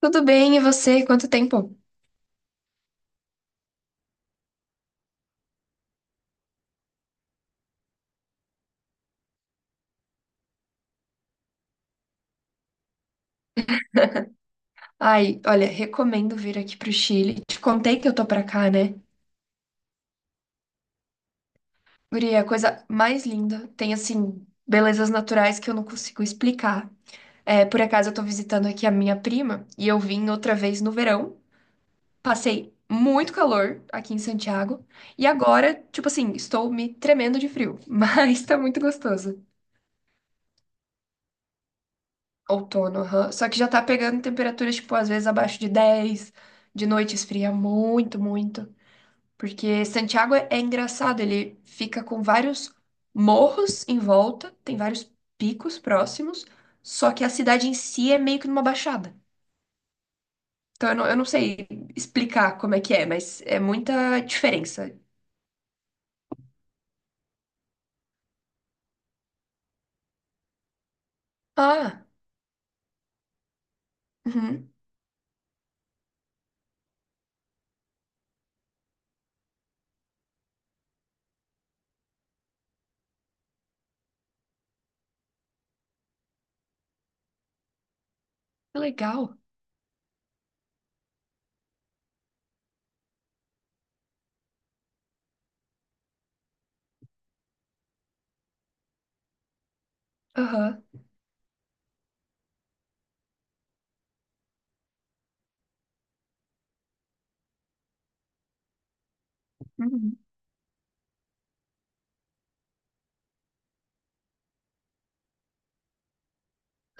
Tudo bem, e você? Quanto tempo? Ai, olha, recomendo vir aqui pro Chile. Te contei que eu tô pra cá, né? Guria, a coisa mais linda. Tem, assim, belezas naturais que eu não consigo explicar. É, por acaso, eu tô visitando aqui a minha prima e eu vim outra vez no verão. Passei muito calor aqui em Santiago e agora, tipo assim, estou me tremendo de frio, mas tá muito gostoso. Outono, aham. Só que já tá pegando temperaturas, tipo, às vezes abaixo de 10, de noite esfria muito, muito. Porque Santiago é engraçado, ele fica com vários morros em volta, tem vários picos próximos, só que a cidade em si é meio que numa baixada. Então eu não sei explicar como é que é, mas é muita diferença. Ah, uhum, que legal. Aham. Uhum.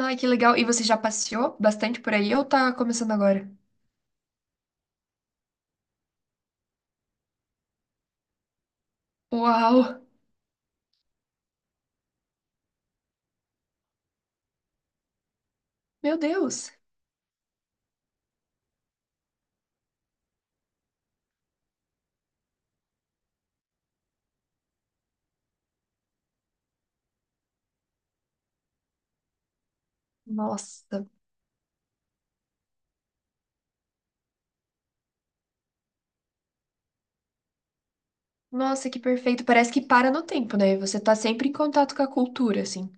Ai, que legal. E você já passeou bastante por aí ou tá começando agora? Uau! Meu Deus! Nossa! Nossa, que perfeito. Parece que para no tempo, né? Você tá sempre em contato com a cultura, assim.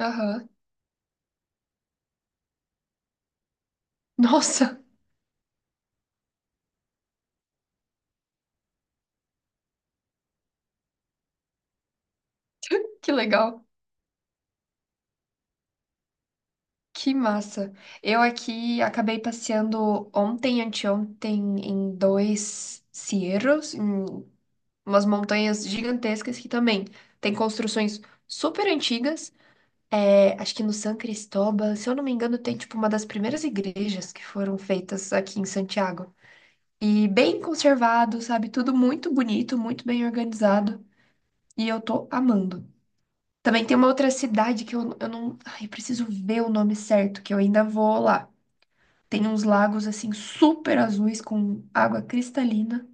Aham. Nossa, que legal. Que massa. Eu aqui acabei passeando ontem, anteontem, em dois cerros, em umas montanhas gigantescas que também tem construções super antigas. É, acho que no San Cristóbal, se eu não me engano, tem tipo uma das primeiras igrejas que foram feitas aqui em Santiago. E bem conservado, sabe? Tudo muito bonito, muito bem organizado. E eu tô amando. Também tem uma outra cidade que eu não. Ai, eu preciso ver o nome certo, que eu ainda vou lá. Tem uns lagos assim super azuis com água cristalina.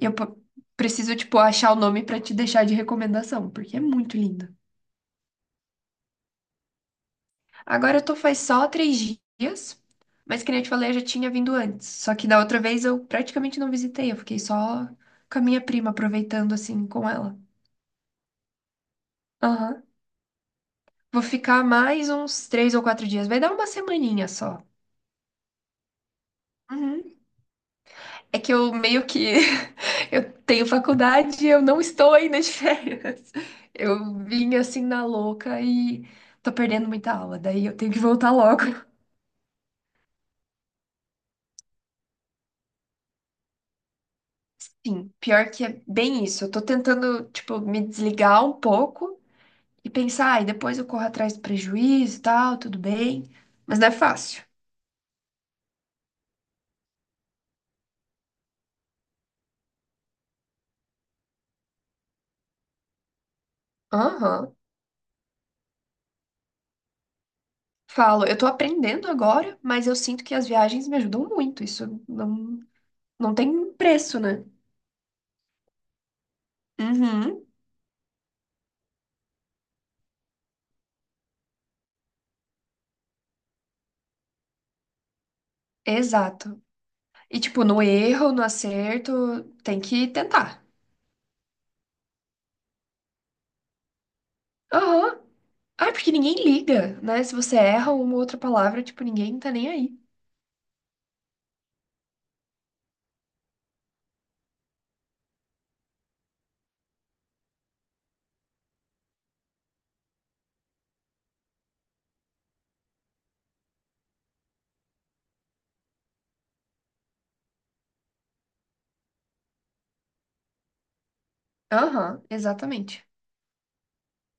E preciso, tipo, achar o nome pra te deixar de recomendação, porque é muito linda. Agora eu tô faz só 3 dias, mas que nem eu te falei, eu já tinha vindo antes. Só que da outra vez eu praticamente não visitei, eu fiquei só com a minha prima, aproveitando assim com ela. Aham. Vou ficar mais uns 3 ou 4 dias. Vai dar uma semaninha só. Uhum. É que eu meio que eu tenho faculdade e eu não estou ainda de férias. Eu vim assim na louca e tô perdendo muita aula, daí eu tenho que voltar logo. Sim, pior que é bem isso. Eu tô tentando, tipo, me desligar um pouco e pensar, ai, depois eu corro atrás do prejuízo e tal, tudo bem. Mas não é fácil. Aham. Falo, eu tô aprendendo agora, mas eu sinto que as viagens me ajudam muito. Isso não tem preço, né? Uhum, exato. E, tipo, no erro, no acerto, tem que tentar. Aham. Ah, porque ninguém liga, né? Se você erra uma outra palavra, tipo, ninguém tá nem aí. Aham, exatamente.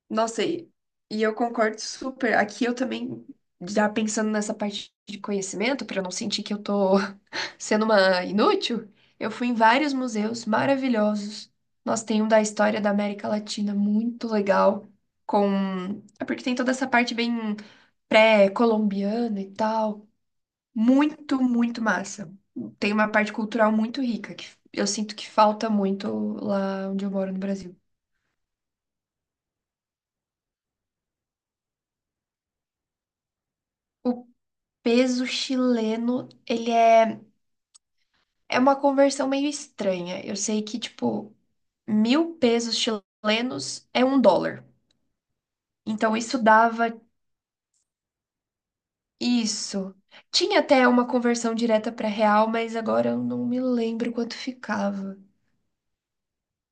Nossa, e eu concordo super. Aqui eu também, já pensando nessa parte de conhecimento, pra eu não sentir que eu tô sendo uma inútil, eu fui em vários museus maravilhosos. Nós tem um da história da América Latina muito legal, com... É porque tem toda essa parte bem pré-colombiana e tal. Muito, muito massa. Tem uma parte cultural muito rica, que eu sinto que falta muito lá onde eu moro no Brasil. O peso chileno, ele é... É uma conversão meio estranha. Eu sei que, tipo, 1.000 pesos chilenos é um dólar. Então isso dava isso. Tinha até uma conversão direta para real, mas agora eu não me lembro quanto ficava.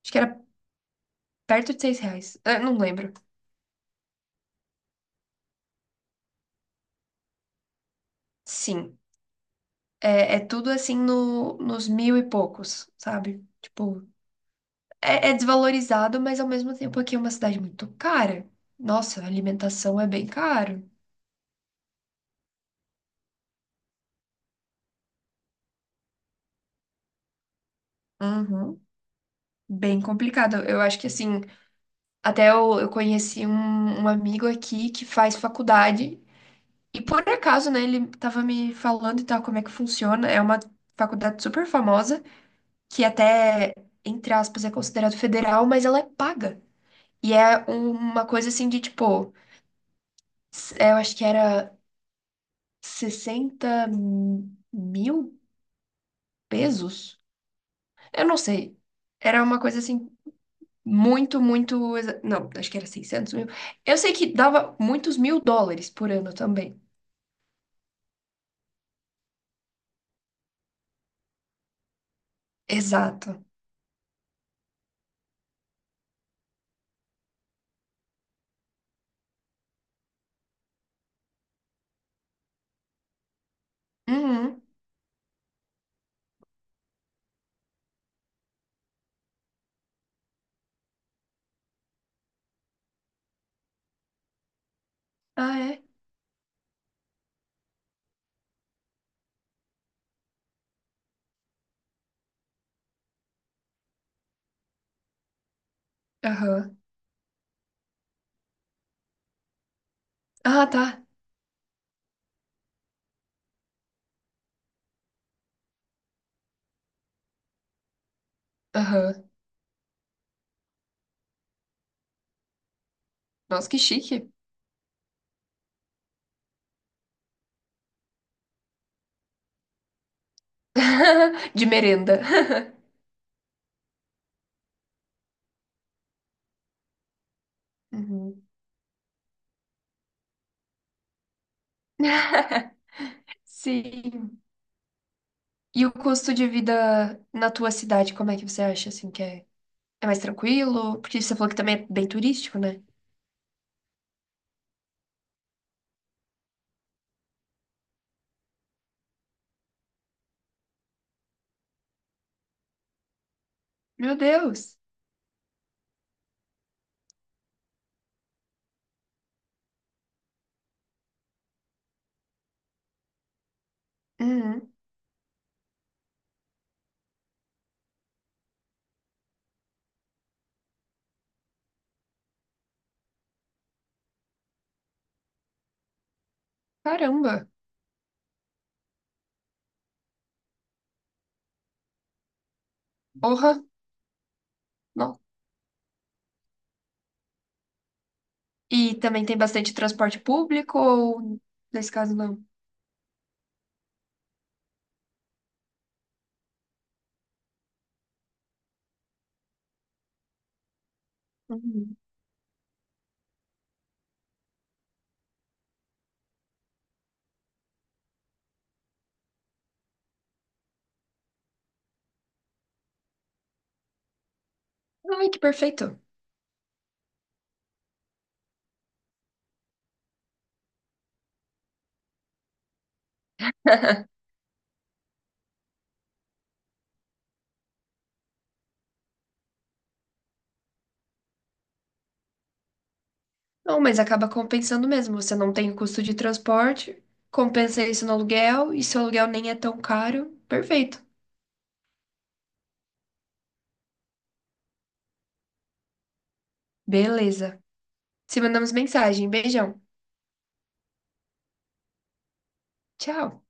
Acho que era perto de 6 reais. Ah, não lembro. Sim. É tudo assim no, nos mil e poucos, sabe? Tipo, é desvalorizado, mas ao mesmo tempo aqui é uma cidade muito cara. Nossa, a alimentação é bem caro. Uhum. Bem complicado. Eu acho que assim, até eu conheci um amigo aqui que faz faculdade. E por acaso, né, ele tava me falando e tal como é que funciona. É uma faculdade super famosa, que até, entre aspas, é considerado federal, mas ela é paga. E é uma coisa assim de tipo, é, eu acho que era 60.000 pesos? Eu não sei. Era uma coisa assim, muito, muito. Não, acho que era 600.000. Eu sei que dava muitos mil dólares por ano também. Exato. Uhum. Ah, é? Aham. Ah, tá. Aham. Nossa, que chique. De merenda. Uhum. Sim. E o custo de vida na tua cidade, como é que você acha, assim, que é, é mais tranquilo? Porque você falou que também é bem turístico, né? Meu Deus! Uhum. Caramba! Porra! Não. E também tem bastante transporte público ou, nesse caso, não? Uhum. Ai, que perfeito! Não, mas acaba compensando mesmo. Você não tem o custo de transporte, compensa isso no aluguel, e se o aluguel nem é tão caro, perfeito. Beleza. Se mandamos mensagem. Beijão. Tchau.